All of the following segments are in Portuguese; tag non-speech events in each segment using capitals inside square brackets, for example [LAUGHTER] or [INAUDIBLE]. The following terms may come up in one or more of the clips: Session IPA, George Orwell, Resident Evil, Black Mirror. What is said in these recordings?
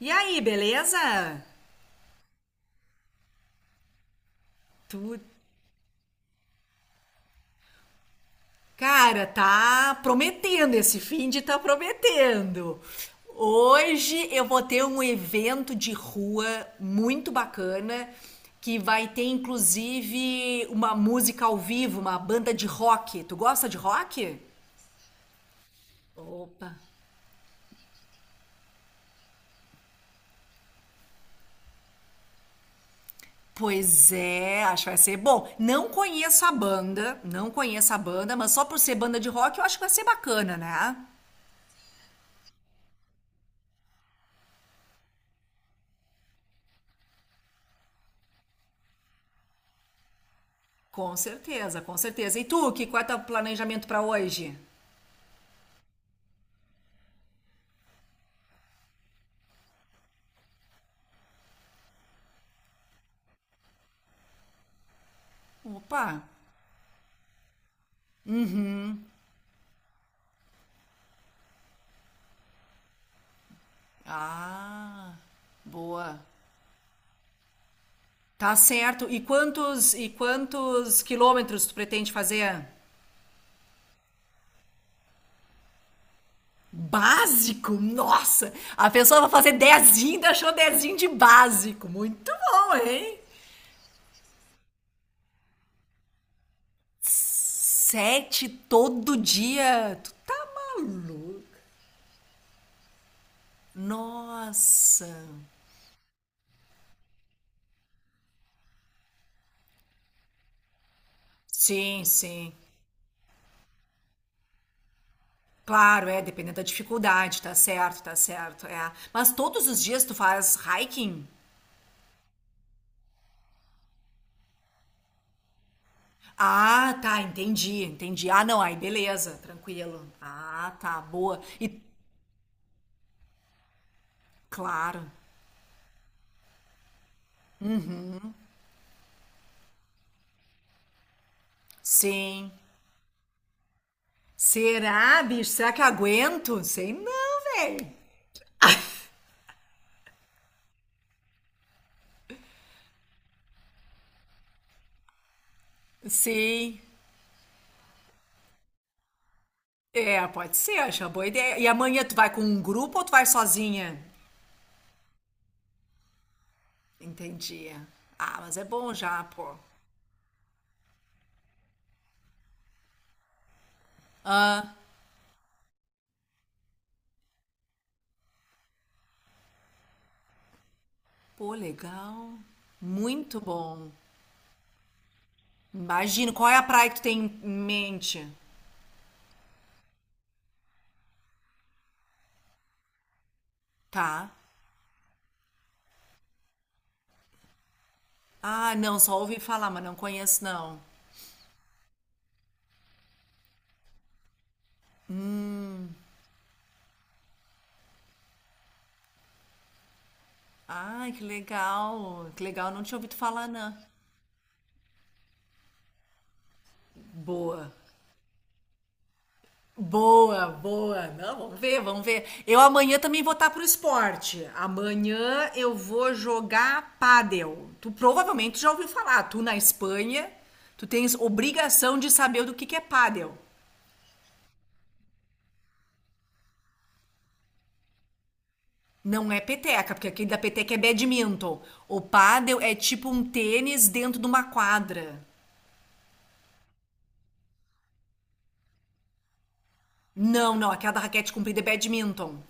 E aí, beleza? Tu, cara, tá prometendo esse fim de tá prometendo. Hoje eu vou ter um evento de rua muito bacana que vai ter inclusive uma música ao vivo, uma banda de rock. Tu gosta de rock? Opa. Pois é, acho que vai ser bom. Não conheço a banda, não conheço a banda, mas só por ser banda de rock eu acho que vai ser bacana, né? Com certeza, com certeza. E tu, que qual é teu planejamento para hoje? Opa. Ah, boa. Tá certo. E quantos quilômetros tu pretende fazer? Básico? Nossa! A pessoa vai fazer dezinho, ainda achou dezinho de básico. Muito bom, hein? Sete todo dia. Tu tá maluco? Nossa. Sim, sim. Claro, é, dependendo da dificuldade, tá certo, é. Mas todos os dias tu faz hiking? Ah, tá, entendi, entendi. Ah, não, aí beleza, tranquilo. Ah, tá, boa. E claro, sim. Será, bicho? Será que eu aguento? Sei não, velho. Sim. É, pode ser, acho uma boa ideia. E amanhã tu vai com um grupo ou tu vai sozinha? Entendi. Ah, mas é bom já, pô. Ah, pô, legal. Muito bom. Imagino. Qual é a praia que tu tem em mente? Tá. Ah, não, só ouvi falar, mas não conheço, não. Ai, que legal. Que legal, não tinha ouvido falar, não. Boa. Boa, boa. Não, vamos ver, vamos ver. Eu amanhã também vou estar pro esporte. Amanhã eu vou jogar pádel. Tu provavelmente já ouviu falar. Tu na Espanha, tu tens obrigação de saber do que é pádel. Não é peteca, porque aquele da peteca é badminton. O pádel é tipo um tênis dentro de uma quadra. Não, não, aquela da raquete comprida é badminton.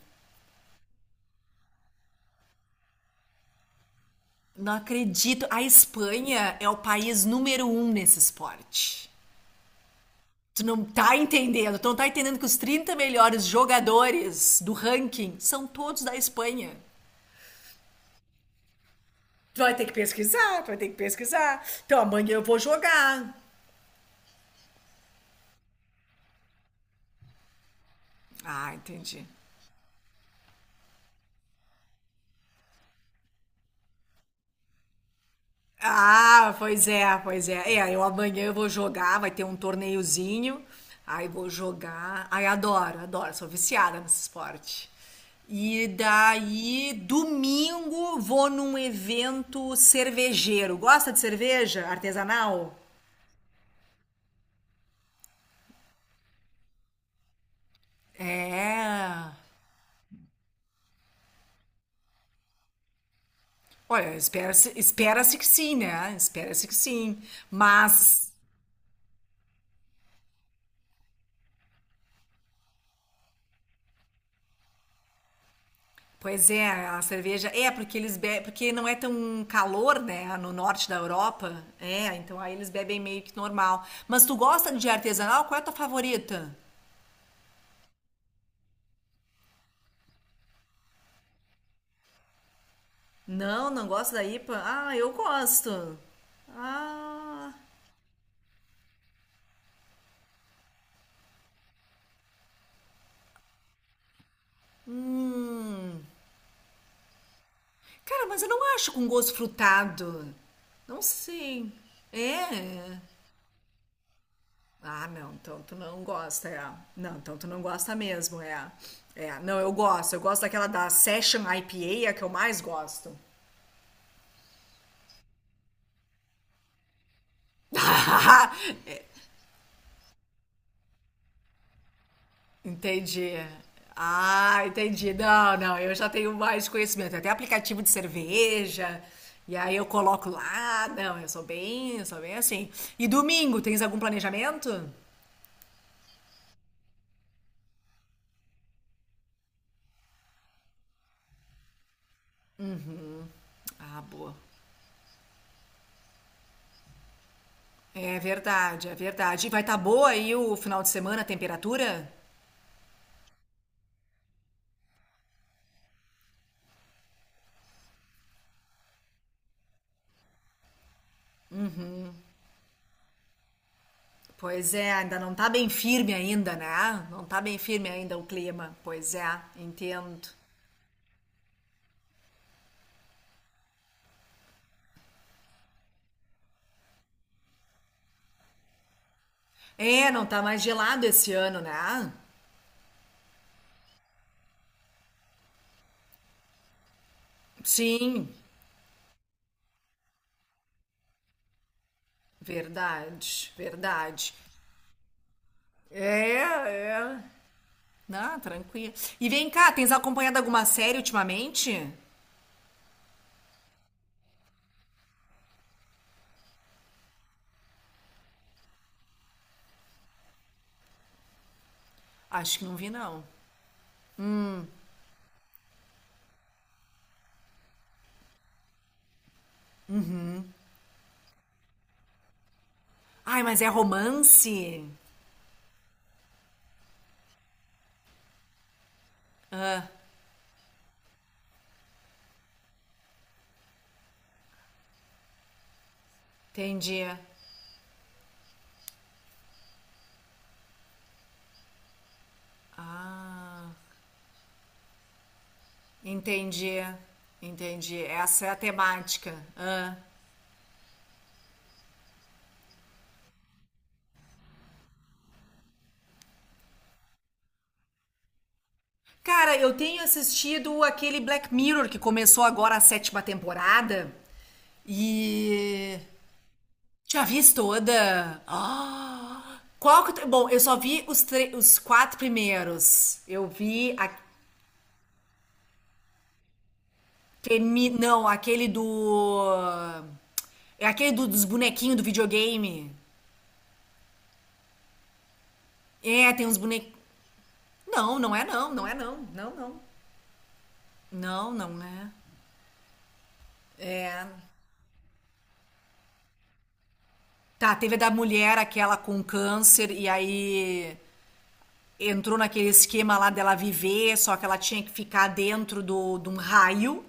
Não acredito. A Espanha é o país número um nesse esporte. Tu não tá entendendo. Tu não tá entendendo que os 30 melhores jogadores do ranking são todos da Espanha. Tu vai ter que pesquisar, tu vai ter que pesquisar. Então amanhã eu vou jogar. Ah, entendi. Ah, pois é, pois é. É, eu amanhã eu vou jogar, vai ter um torneiozinho. Aí vou jogar. Ai, adoro, adoro, sou viciada nesse esporte. E daí, domingo, vou num evento cervejeiro. Gosta de cerveja artesanal? É. Olha, espera-se, espera-se que sim, né? Espera-se que sim. Mas. Pois é, a cerveja é porque eles bebem, porque não é tão calor, né, no norte da Europa. É, então aí eles bebem meio que normal. Mas tu gosta de artesanal? Qual é a tua favorita? Não, não gosto da IPA. Ah, eu gosto. Ah, hum. Cara, mas eu não acho com gosto frutado. Não sei. É. É. Ah, não, então tu não gosta, é. Não, então tu não gosta mesmo, é. É, não, eu gosto. Eu gosto daquela da Session IPA, é a que eu mais gosto. [LAUGHS] É. Entendi. Ah, entendi. Não, não, eu já tenho mais conhecimento. Até aplicativo de cerveja. E aí eu coloco lá. Não, eu sou bem assim. E domingo, tens algum planejamento? Ah, boa. É verdade, é verdade. E vai estar boa aí o final de semana, a temperatura? Pois é, ainda não tá bem firme ainda, né? Não tá bem firme ainda o clima. Pois é, entendo. É, não tá mais gelado esse ano, né? Sim, verdade, verdade. É, é. Não, tranquilo. E vem cá, tens acompanhado alguma série ultimamente? Acho que não vi, não. Ai, mas é romance? Entendi. Ah, entendi. Entendi. Essa é a temática. Ah. Cara, eu tenho assistido aquele Black Mirror que começou agora a sétima temporada e já vi toda. [GASPS] Ah! Qual que... eu- te- Bom, eu só vi os quatro primeiros. Eu vi aquele. Não, É aquele dos bonequinhos do videogame. É, tem uns bonequinhos. Não, não é não, não é não. Não, não. Não, não é. É. Tá, teve a da mulher, aquela com câncer, e aí entrou naquele esquema lá dela viver, só que ela tinha que ficar dentro de um raio.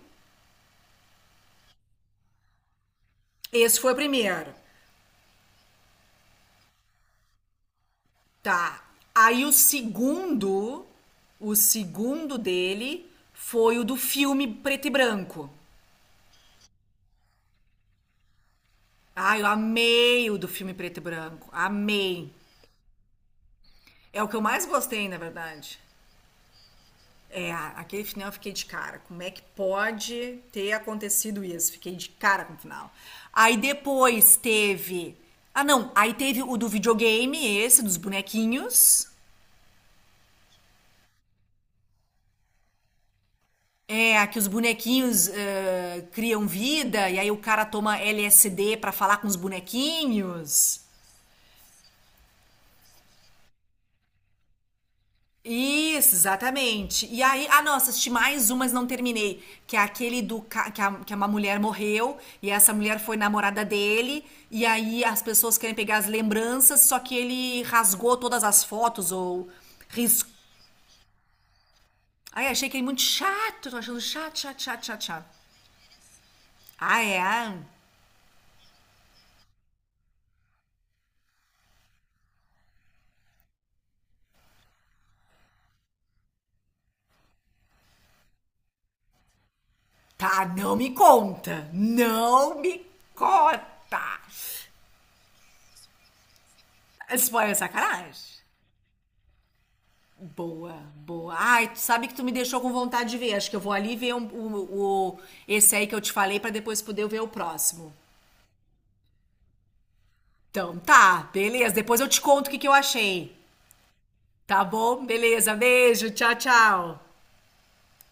Esse foi o primeiro. Tá. Aí o segundo, dele foi o do filme preto e branco. Ah, eu amei o do filme preto e branco. Amei. É o que eu mais gostei, na verdade. É, aquele final eu fiquei de cara. Como é que pode ter acontecido isso? Fiquei de cara com o final. Aí depois teve. Ah, não. Aí teve o do videogame, esse, dos bonequinhos. É, que os bonequinhos criam vida, e aí o cara toma LSD pra falar com os bonequinhos. Isso, exatamente. E aí, ah, nossa, assisti mais um, mas não terminei. Que é aquele do ca- que, a- que uma mulher morreu e essa mulher foi namorada dele. E aí as pessoas querem pegar as lembranças, só que ele rasgou todas as fotos ou riscou. Ai, achei que ele muito chato, tô achando chato, chato, chato, chato, chato. Ah, é? Tá, não me conta. Não me conta. Spoiler sacanagem. Boa, boa. Ai, tu sabe que tu me deixou com vontade de ver. Acho que eu vou ali ver esse aí que eu te falei pra depois poder ver o próximo. Então tá, beleza. Depois eu te conto o que que eu achei. Tá bom? Beleza, beijo, tchau, tchau.